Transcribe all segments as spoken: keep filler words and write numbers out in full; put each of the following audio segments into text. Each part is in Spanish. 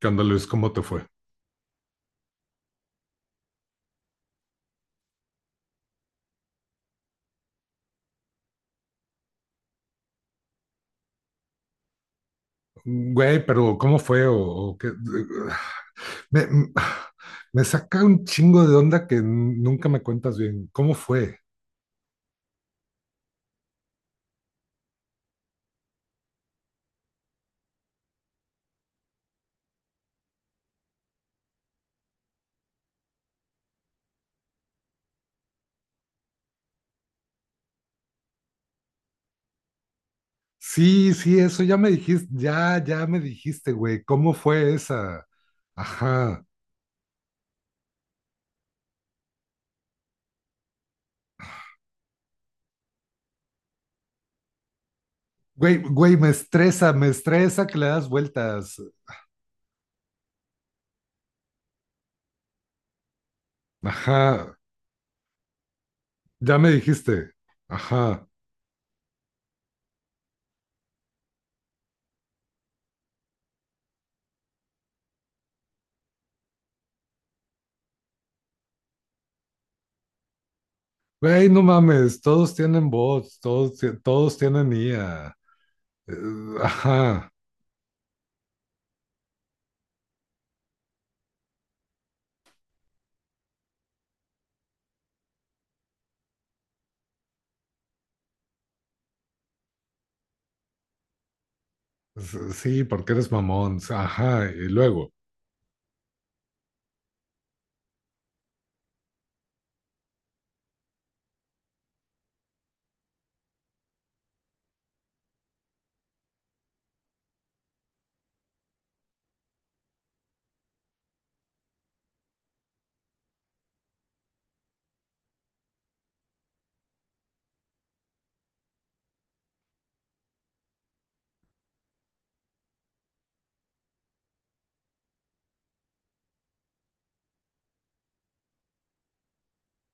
¿Qué onda, Luis? ¿Cómo te fue? Güey, pero ¿cómo fue? ¿O, o qué? Me, me saca un chingo de onda que nunca me cuentas bien. ¿Cómo fue? Sí, sí, eso ya me dijiste, ya, ya me dijiste, güey. ¿Cómo fue esa? Ajá. Güey, güey, me estresa, me estresa que le das vueltas. Ajá. Ya me dijiste. Ajá. Güey, no mames, todos tienen bots, todos, ti- todos tienen I A. Eh, Ajá. S- Sí, porque eres mamón. Ajá, y luego.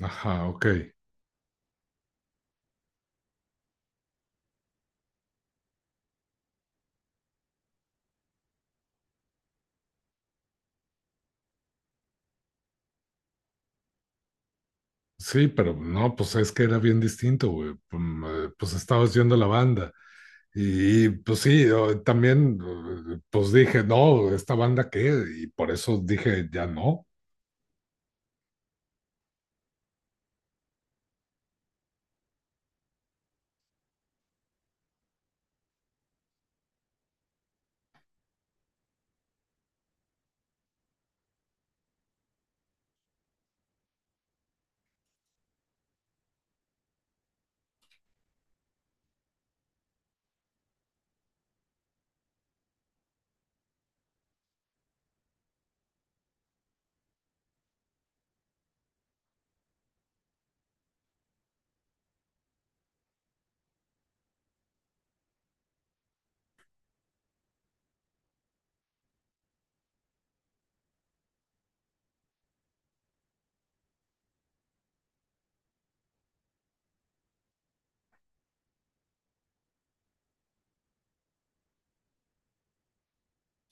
Ajá, ok. Sí, pero no, pues es que era bien distinto, güey. Pum, eh, pues estabas yendo a la banda. Y, y, pues sí, o- también, eh, pues dije, no, ¿esta banda qué? Y por eso dije, ya no.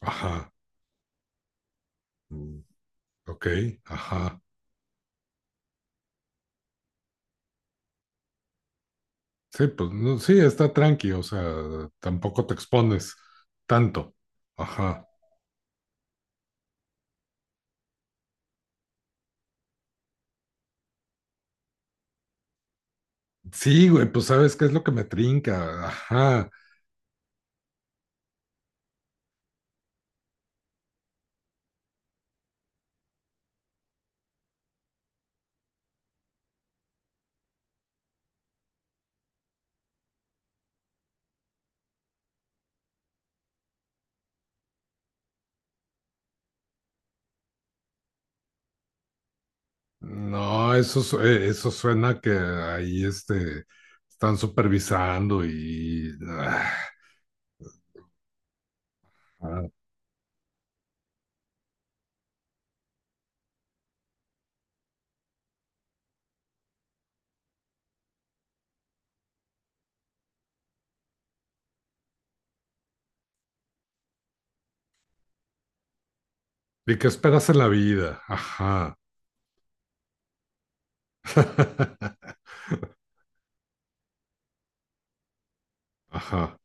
Ajá. Mm, ok, ajá. Sí, pues no, sí, está tranqui, o sea, tampoco te expones tanto. Ajá. Sí, güey, pues sabes qué es lo que me trinca. Ajá. No, eso, su- eh, eso suena que ahí este, están supervisando y... ah, ah. ¿Y qué esperas en la vida? Ajá. Ajá,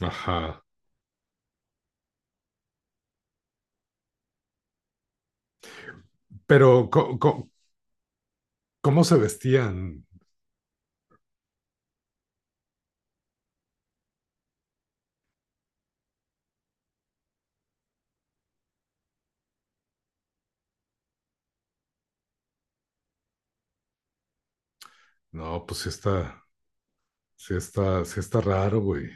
ajá. Pero, co- co- ¿cómo se vestían? No, pues sí está, sí está, sí está raro, güey.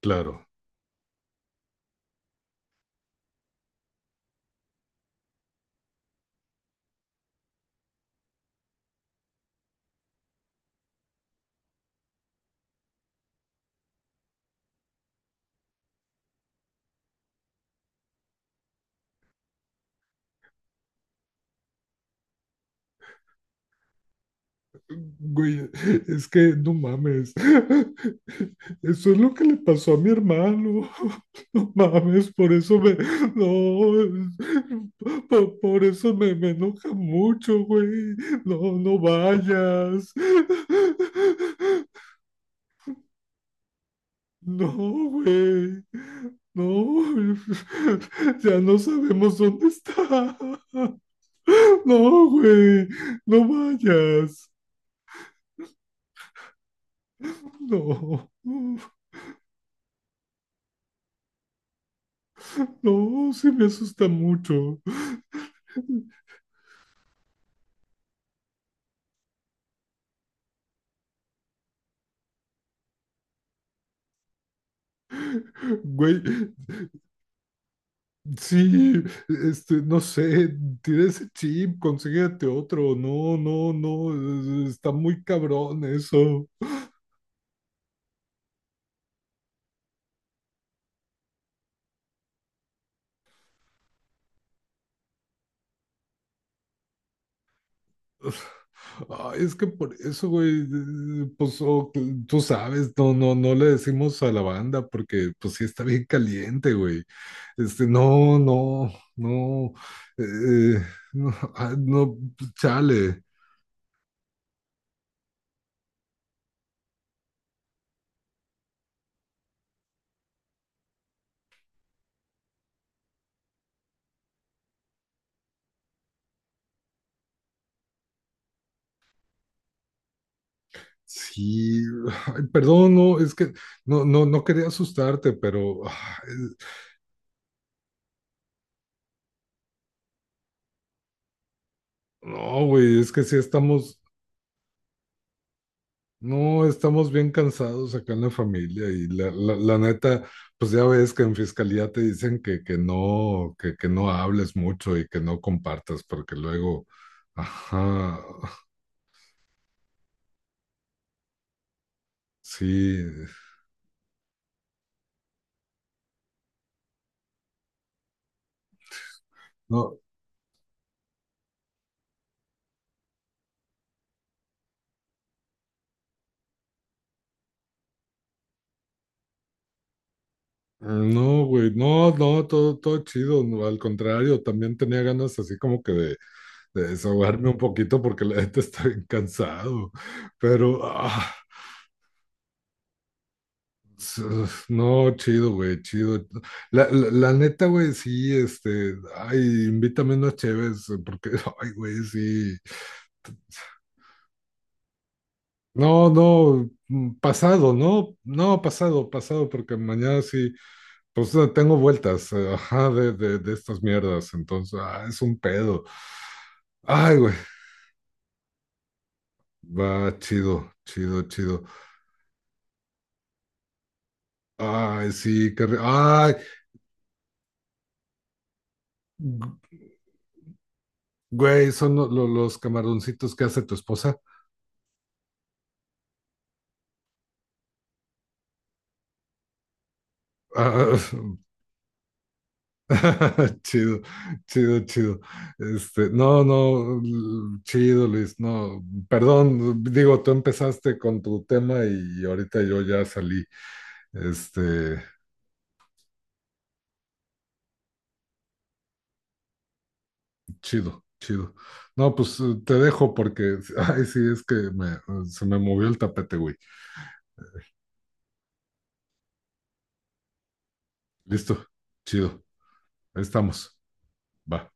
Claro. Güey, es que no mames. Eso es lo que le pasó a mi hermano. No mames, por eso me. No, es- po- por, eso me, me enoja mucho, güey. No, no vayas. No, güey. No, ya no sabemos dónde está. No, güey. No vayas. No. No, sí me asusta mucho. Güey, sí, este, no sé, tira ese chip, consíguete otro. No, no, no, eh, está muy cabrón eso. Ay, es que por eso, güey, eh, pues o- tú sabes, no, no, no le decimos a la banda porque pues sí está bien caliente, güey. Este, no, no, no, eh, no, ah, no, chale. Sí, ay, perdón, no, es que no, no, no quería asustarte, pero ah, es- no, güey, es que sí estamos, no, estamos bien cansados acá en la familia y la, la, la neta, pues ya ves que en fiscalía te dicen que, que no, que, que no hables mucho y que no compartas, porque luego, ajá, sí, no. No, güey, no, no, todo, todo chido, no, al contrario, también tenía ganas así como que de, desahogarme un poquito porque la gente está bien cansado. Pero, ah, s- no, chido, güey, chido. La, la, la neta, güey, sí, este, ay, invítame unos cheves, porque, ay, güey, sí. No, no, mm, pasado, no, no, pasado, pasado, porque mañana sí, pues eh, tengo vueltas, eh, ajá, de, de, de estas mierdas, entonces, ah, es un pedo. Ay, güey, va, chido, chido, chido. Ay, sí, qué ri- ay, Gu- güey, son lo- lo- los camaroncitos que hace tu esposa. Ah, chido, chido, chido. Este, no, no, l- chido, Luis, no, perdón, digo, tú empezaste con tu tema y ahorita yo ya salí. Este, chido, chido. No, pues eh, te dejo porque, ay, sí, es que me- se me movió el tapete, güey. Listo, chido, ahí estamos. Va.